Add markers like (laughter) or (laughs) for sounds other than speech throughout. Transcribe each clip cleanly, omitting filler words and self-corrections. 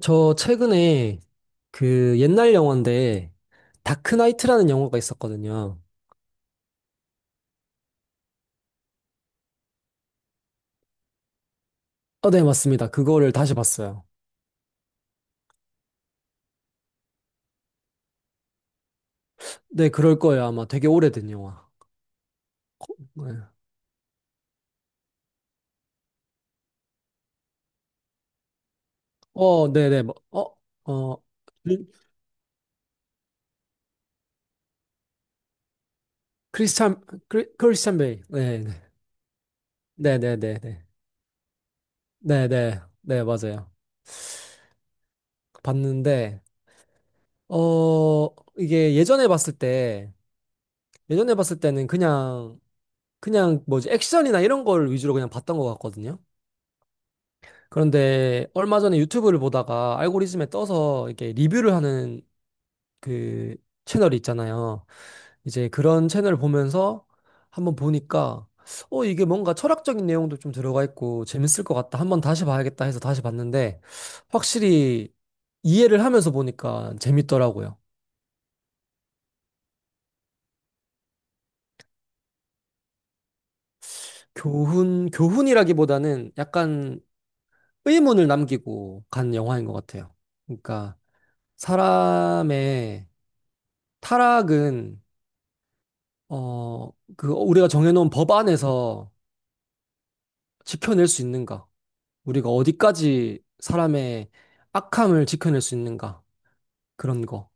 저 최근에 그 옛날 영화인데 다크나이트라는 영화가 있었거든요. 네, 맞습니다. 그거를 다시 봤어요. 네, 그럴 거예요. 아마 되게 오래된 영화. 네. 네, 네. 어, 그- 크리스찬 크리스찬 베일. 네, 네, 네, 네, 네, 네, 네, 네, 네, 맞아요. 봤는데 이게 예전에 봤을 때 예전에 봤을 때는 그냥 뭐지 액션이나 이런 걸 위주로 그냥 봤던 것 같거든요. 그런데 얼마 전에 유튜브를 보다가 알고리즘에 떠서 이렇게 리뷰를 하는 그 채널이 있잖아요. 이제 그런 채널을 보면서 한번 보니까 이게 뭔가 철학적인 내용도 좀 들어가 있고 재밌을 것 같다. 한번 다시 봐야겠다 해서 다시 봤는데 확실히 이해를 하면서 보니까 재밌더라고요. 교훈이라기보다는 약간 의문을 남기고 간 영화인 것 같아요. 그러니까 사람의 타락은 어, 그 우리가 정해놓은 법 안에서 지켜낼 수 있는가? 우리가 어디까지 사람의 악함을 지켜낼 수 있는가? 그런 거.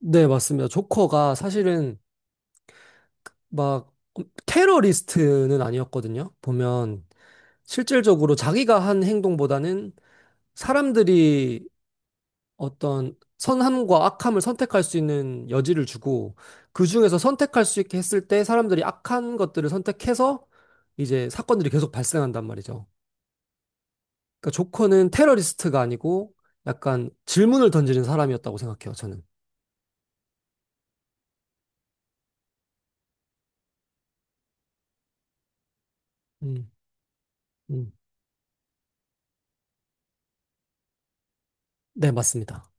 네, 맞습니다. 조커가 사실은 막 테러리스트는 아니었거든요. 보면 실질적으로 자기가 한 행동보다는 사람들이 어떤 선함과 악함을 선택할 수 있는 여지를 주고 그 중에서 선택할 수 있게 했을 때 사람들이 악한 것들을 선택해서 이제 사건들이 계속 발생한단 말이죠. 그러니까 조커는 테러리스트가 아니고 약간 질문을 던지는 사람이었다고 생각해요, 저는. 음, 음. 네, 맞습니다.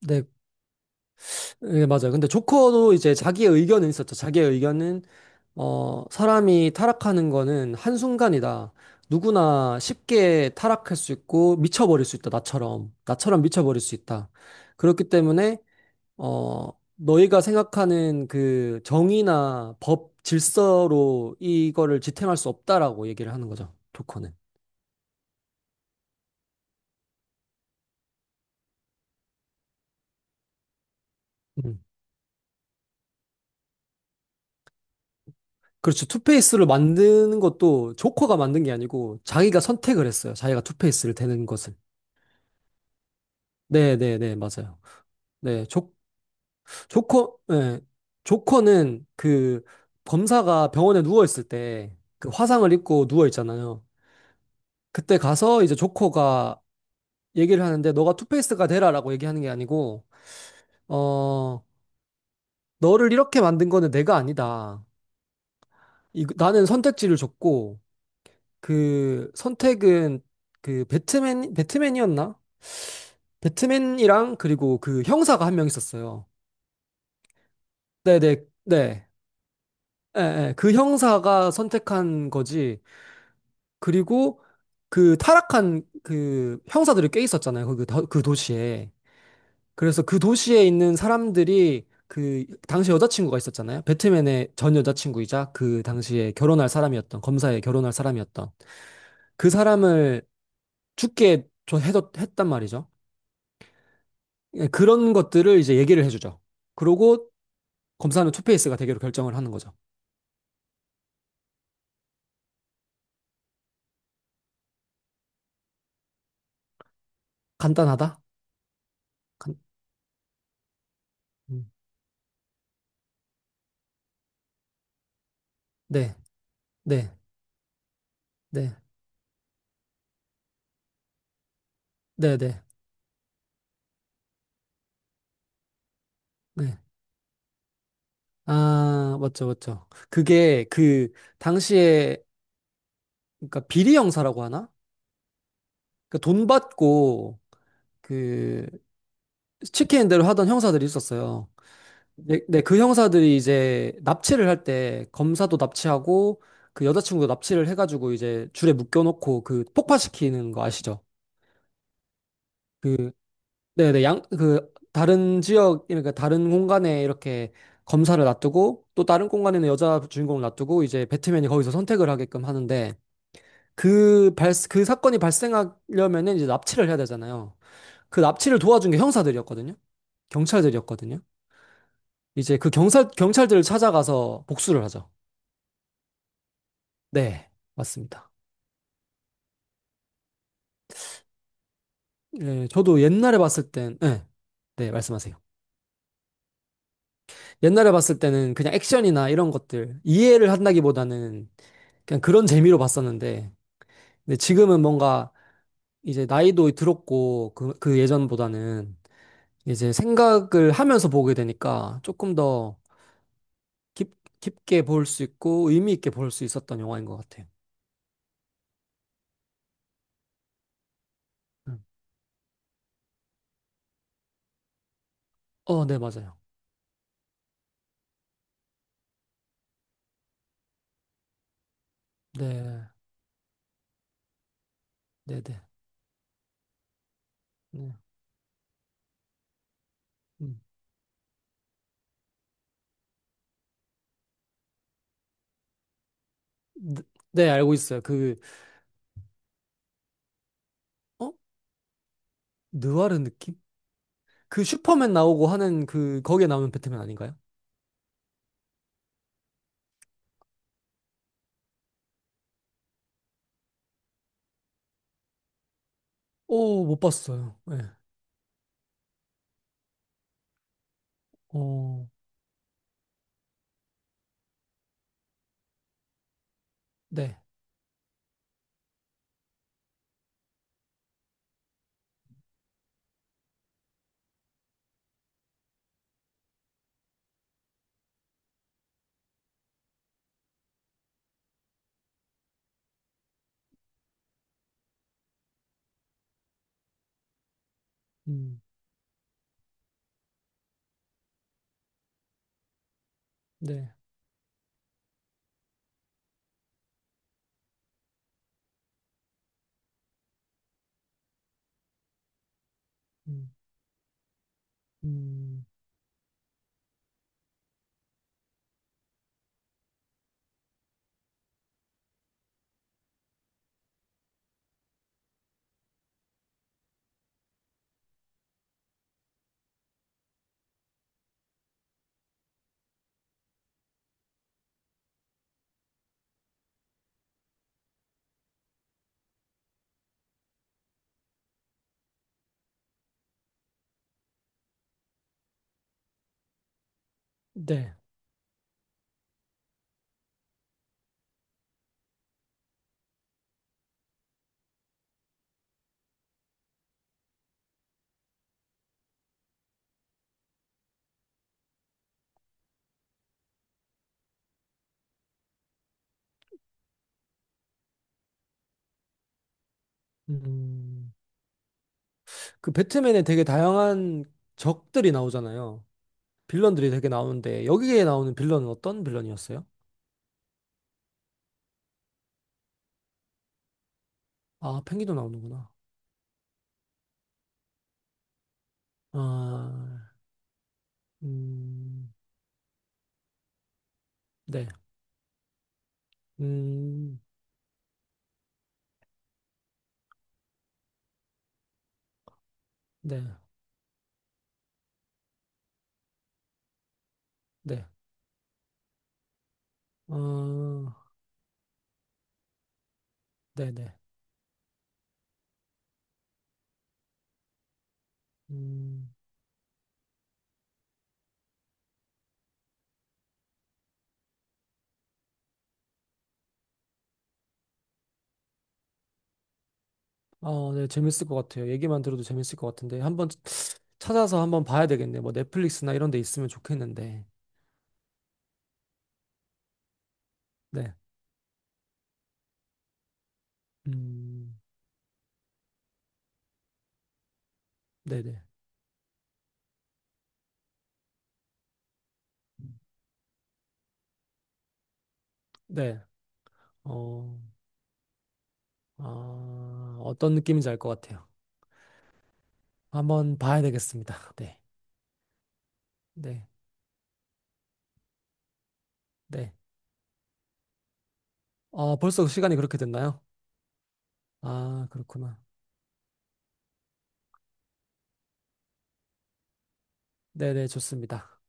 네, 네, 맞아요. 근데 조커도 이제 자기의 의견은 있었죠. 자기의 의견은, 사람이 타락하는 거는 한순간이다. 누구나 쉽게 타락할 수 있고 미쳐버릴 수 있다. 나처럼. 나처럼 미쳐버릴 수 있다. 그렇기 때문에, 어, 너희가 생각하는 그 정의나 법, 질서로 이거를 지탱할 수 없다라고 얘기를 하는 거죠. 조커는. 음. 그렇죠. 투페이스를 만드는 것도 조커가 만든 게 아니고 자기가 선택을 했어요. 자기가 투페이스를 되는 것을. 네, 네, 네, 맞아요. 네, 조, 조커, 네. 조커는 그 범사가 병원에 누워 있을 때 그 화상을 입고 누워 있잖아요. 그때 가서 이제 조커가 얘기를 하는데 너가 투페이스가 되라라고 얘기하는 게 아니고 어, 너를 이렇게 만든 거는 내가 아니다. 이, 나는 선택지를 줬고 그 선택은 그 배트맨이었나? 배트맨이랑 그리고 그 형사가 한 명 있었어요. 네네 네. 예, 예. 그 형사가 선택한 거지. 그리고 그 타락한 그 형사들이 꽤 있었잖아요. 그 도시에. 그래서 그 도시에 있는 사람들이 그 당시 여자친구가 있었잖아요. 배트맨의 전 여자친구이자 그 당시에 결혼할 사람이었던 검사에 결혼할 사람이었던 그 사람을 했단 말이죠. 예, 그런 것들을 이제 얘기를 해주죠. 그러고 검사는 투페이스가 되기로 결정을 하는 거죠. 간단하다? 간- 음. 네, 네, 네, 네, 네, 네. 아, 맞죠, 맞죠. 그게 그 당시에 그러니까 비리 형사라고 하나? 그돈 받고 그 시키는 대로 하던 형사들이 있었어요. 네, 네, 그 형사들이 이제 납치를 할 때 검사도 납치하고 그 여자친구도 납치를 해가지고 이제 줄에 묶여놓고 그 폭파시키는 거 아시죠? 그 네네, 양, 그, 다른 지역, 그러니까 다른 공간에 이렇게 검사를 놔두고 또 다른 공간에는 여자 주인공을 놔두고 이제 배트맨이 거기서 선택을 하게끔 하는데 그 사건이 발생하려면은 이제 납치를 해야 되잖아요. 그 납치를 도와준 게 형사들이었거든요. 경찰들이었거든요. 경찰들을 찾아가서 복수를 하죠. 네, 맞습니다. 예, 저도 옛날에 봤을 땐, 예, 네, 말씀하세요. 옛날에 봤을 때는 그냥 액션이나 이런 것들 이해를 한다기보다는 그냥 그런 재미로 봤었는데, 근데 지금은 뭔가 이제 나이도 들었고, 그 예전보다는 이제 생각을 하면서 보게 되니까 조금 더 깊게 볼 수 있고 의미 있게 볼 수 있었던 영화인 것 같아요. 음. 네, 맞아요. 네, 네, 네. 네, 음. 네, 네, 알고 있어요. 그, 어? 느와르 느낌? 그 슈퍼맨 나오고 하는 그, 거기에 나오는 배트맨 아닌가요? 오, 못 봤어요. 네. 어, 네. 음, 네. 음, 음, 네. 음, 그 배트맨에 되게 다양한 적들이 나오잖아요. 빌런들이 되게 나오는데 여기에 나오는 빌런은 어떤 빌런이었어요? 아, 펭귄도 나오는구나. 아, 음, 네, 음, 네, 네, 어, 네, 네, 음, 아, 네, 재밌을 것 같아요. 얘기만 들어도 재밌을 것 같은데 한번 찾아서 한번 봐야 되겠네. 뭐 넷플릭스나 이런 데 있으면 좋겠는데, 네, 음, 네, 네, 네, 어. 아, 어떤 느낌인지 알 것 같아요. 한번 봐야 되겠습니다. (laughs) 네, 네, 네. 어, 벌써 시간이 그렇게 됐나요? 아, 그렇구나. 네, 네, 좋습니다.